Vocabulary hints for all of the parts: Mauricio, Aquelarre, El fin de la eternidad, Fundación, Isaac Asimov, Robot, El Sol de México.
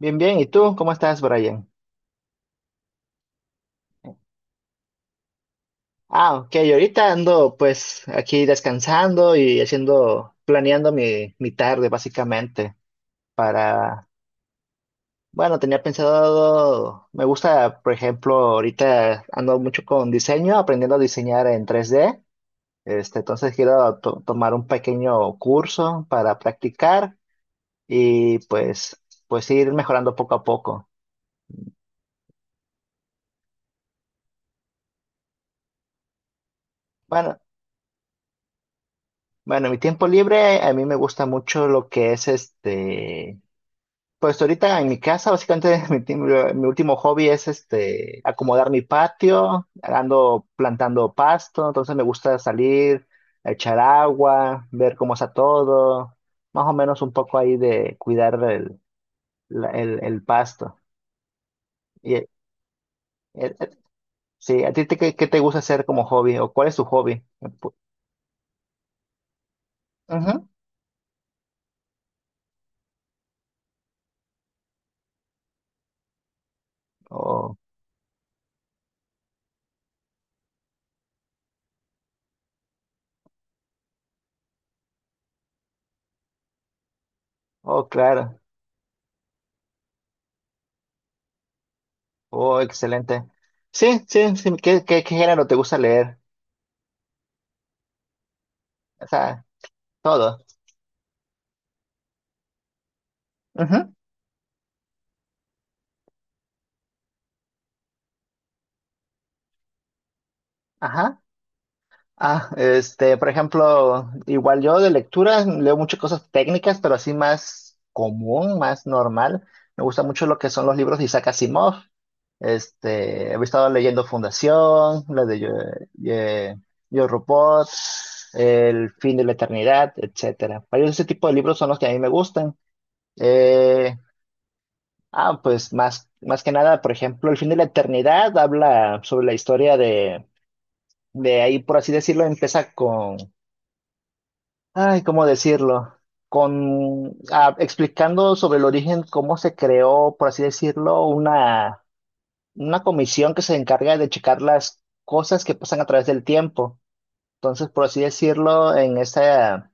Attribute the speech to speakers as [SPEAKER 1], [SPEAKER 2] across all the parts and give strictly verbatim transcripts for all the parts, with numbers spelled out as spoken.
[SPEAKER 1] Bien, bien. ¿Y tú? ¿Cómo estás, Brian? Ah, ok. Ahorita ando pues aquí descansando y haciendo, planeando mi, mi tarde básicamente para, bueno, tenía pensado, me gusta, por ejemplo, ahorita ando mucho con diseño, aprendiendo a diseñar en tres d. Este, entonces quiero to- tomar un pequeño curso para practicar y pues, pues ir mejorando poco a poco. Bueno, bueno, mi tiempo libre a mí me gusta mucho lo que es este pues ahorita en mi casa, básicamente mi, ti- mi último hobby es este acomodar mi patio, ando plantando pasto, entonces me gusta salir, echar agua, ver cómo está todo, más o menos un poco ahí de cuidar el, la- el, el pasto. Y, eh, eh, sí, ¿a ti te- qué, qué te gusta hacer como hobby o cuál es tu hobby? Pu- Ujú. Oh. Oh, claro. Oh, excelente. Sí, sí, sí. ¿Qué, qué, qué género te gusta leer? O sea, todo. Ujú. Ajá. Ah, este, por ejemplo, igual yo de lectura leo muchas cosas técnicas, pero así más común, más normal. Me gusta mucho lo que son los libros de Isaac Asimov. Este, he estado leyendo Fundación, la de Yo, eh, Yo, Robot, El fin de la eternidad, etcétera. Varios de ese tipo de libros son los que a mí me gustan. Eh, ah, pues más, más que nada, por ejemplo, El fin de la eternidad habla sobre la historia de, de ahí, por así decirlo, empieza con. Ay, ¿cómo decirlo? Con, ah, explicando sobre el origen, cómo se creó, por así decirlo, una, una comisión que se encarga de checar las cosas que pasan a través del tiempo. Entonces, por así decirlo, en esta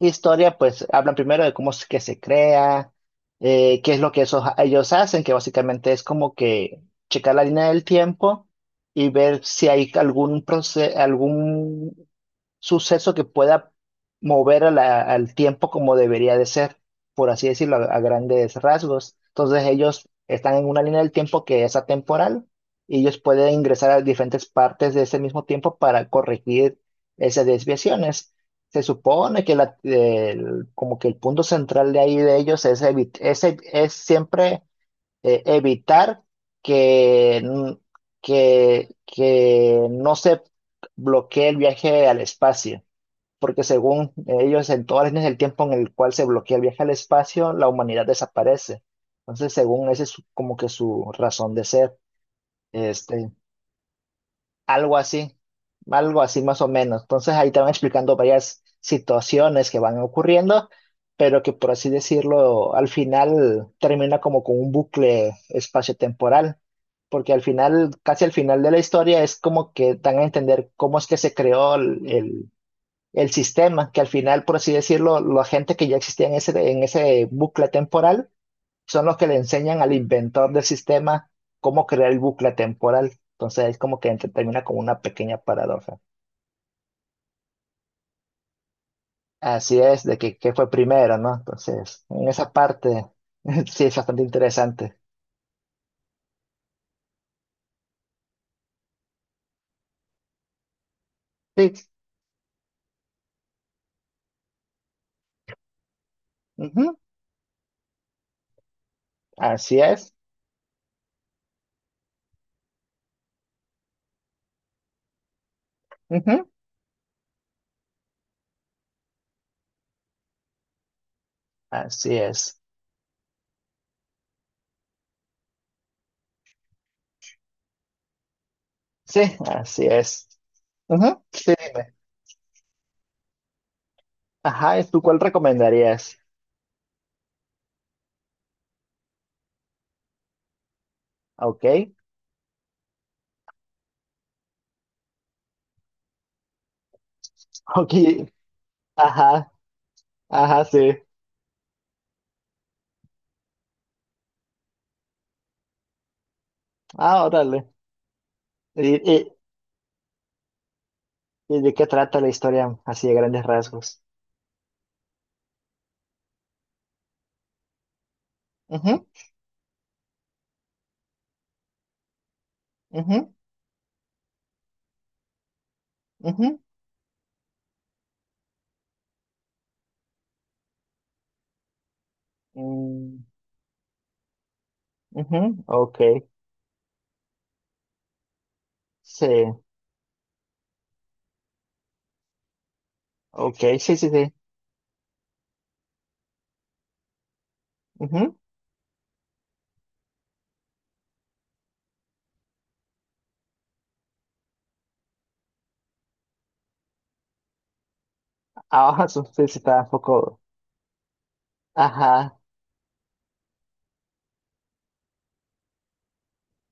[SPEAKER 1] historia, pues hablan primero de cómo es que se crea, eh, qué es lo que esos- ellos hacen, que básicamente es como que checar la línea del tiempo y ver si hay algún proceso, suceso que pueda mover a la- al tiempo como debería de ser, por así decirlo, a, a grandes rasgos. Entonces ellos están en una línea del tiempo que es atemporal y ellos pueden ingresar a diferentes partes de ese mismo tiempo para corregir esas desviaciones. Se supone que la, el- como que el punto central de ahí de ellos es, evi- es, es siempre eh, evitar que, n- que, que no se bloquee el viaje al espacio, porque según ellos, en todas las líneas del tiempo en el cual se bloquea el viaje al espacio, la humanidad desaparece. Entonces, según ese es su- como que su razón de ser. Este, algo así, algo así más o menos. Entonces ahí te van explicando varias situaciones que van ocurriendo, pero que por así decirlo, al final termina como con un bucle espacio-temporal, porque al final, casi al final de la historia es como que dan a entender cómo es que se creó el, el- el sistema, que al final, por así decirlo, la gente que ya existía en ese, en ese bucle temporal son los que le enseñan al inventor del sistema cómo crear el bucle temporal. Entonces es como que entre- termina con una pequeña paradoja. Así es, de que, qué fue primero, ¿no? Entonces, en esa parte sí es bastante interesante. Sí, ujú, así es, ujú, así es. Sí, así es. Ujú, sí, dime. Ajá, ¿y ¿tú cuál recomendarías? Ok. Ok, ajá, ajá, sí. Ah, órale. ¿Y, y- y de qué trata la historia así de grandes rasgos? Ujú, ujú, ujú, mm, ujú, ok, sí, ok, sí, sí, sí, ujú. Ahora sí. Sí, sí, está un poco, ajá,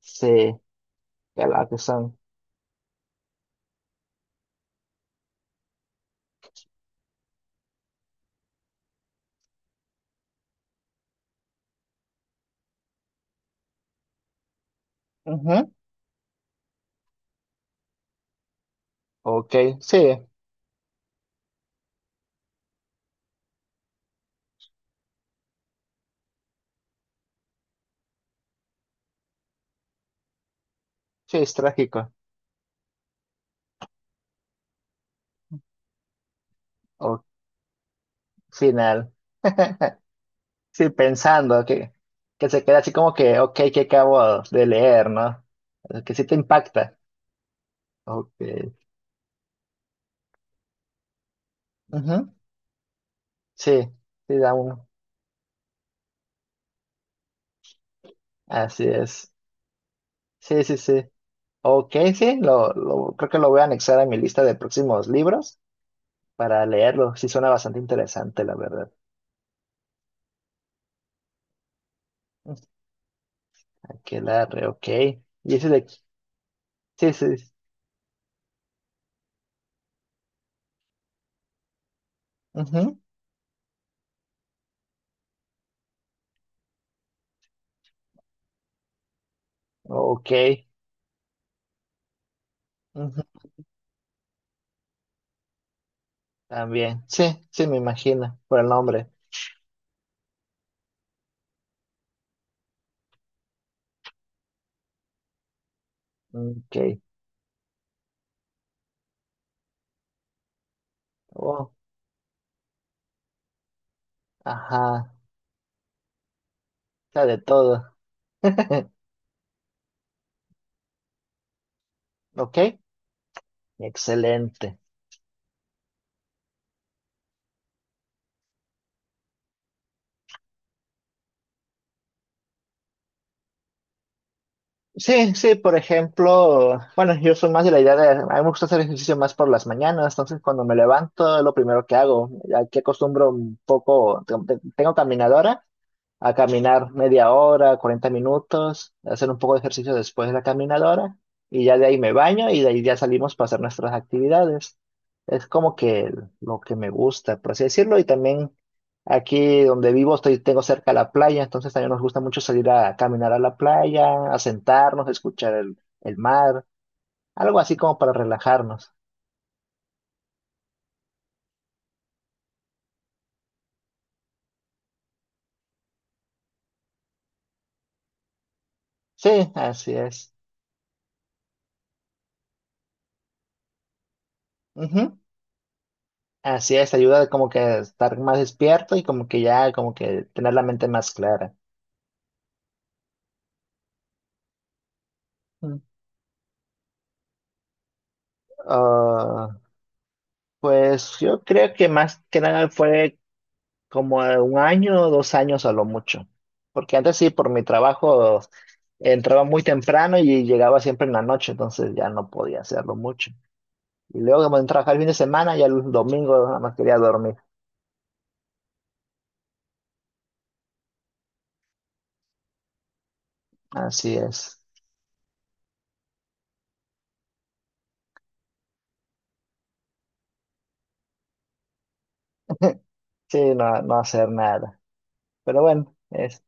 [SPEAKER 1] sí, claro que son, ujú, ok, sí, sí, es trágico, o final, sí, pensando que, que, se queda así como que, ok, que acabo de leer, ¿no? Que sí te impacta, ok, ujú, sí, sí, da uno, así es, sí, sí, sí. Ok, sí, lo, lo- creo que lo voy a anexar a mi lista de próximos libros para leerlo. Sí, suena bastante interesante, la verdad. Aquelarre, ok. Y ese de. Sí, sí. Sí. Ujú. Ok. Ujú. También. Sí, sí, me imagino, por el nombre. Ok. Oh, ajá. Está de todo. Ok, excelente. Sí, sí, por ejemplo, bueno, yo soy más de la idea de, a mí me gusta hacer ejercicio más por las mañanas, entonces cuando me levanto es lo primero que hago, aquí acostumbro un poco, te- te- tengo caminadora, a caminar media hora, cuarenta minutos, hacer un poco de ejercicio después de la caminadora y ya de ahí me baño y de ahí ya salimos para hacer nuestras actividades. Es como que lo que me gusta, por así decirlo, y también aquí donde vivo estoy, tengo cerca la playa, entonces también nos gusta mucho salir a caminar a la playa, a sentarnos, a escuchar el, el mar, algo así como para relajarnos. Sí, así es. Ujú. Así es, ayuda como que a estar más despierto y como que ya, como que tener la mente más clara. Mm. Ah, pues yo creo que más que nada fue como un año o dos años a lo mucho, porque antes sí, por mi trabajo entraba muy temprano y llegaba siempre en la noche, entonces ya no podía hacerlo mucho. Y luego como en trabajar el fin de semana, ya el domingo nada más quería dormir. Así es. Sí, no, no hacer nada. Pero bueno, es,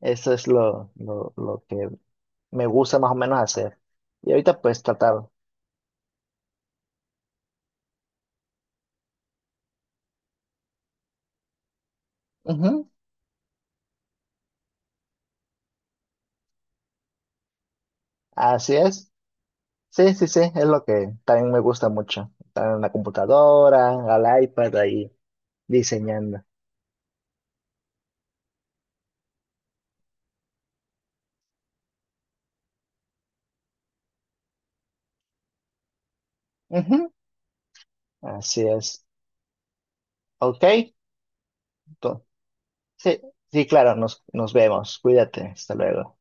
[SPEAKER 1] eso es lo, lo, lo que me gusta más o menos hacer. Y ahorita pues tratar. Ujú. Así es. Sí, sí, sí, es lo que también me gusta mucho. Estar en la computadora, al iPad ahí diseñando. Ujú. Así es. Ok. to- Sí, sí, claro, nos, nos vemos. Cuídate. Hasta luego.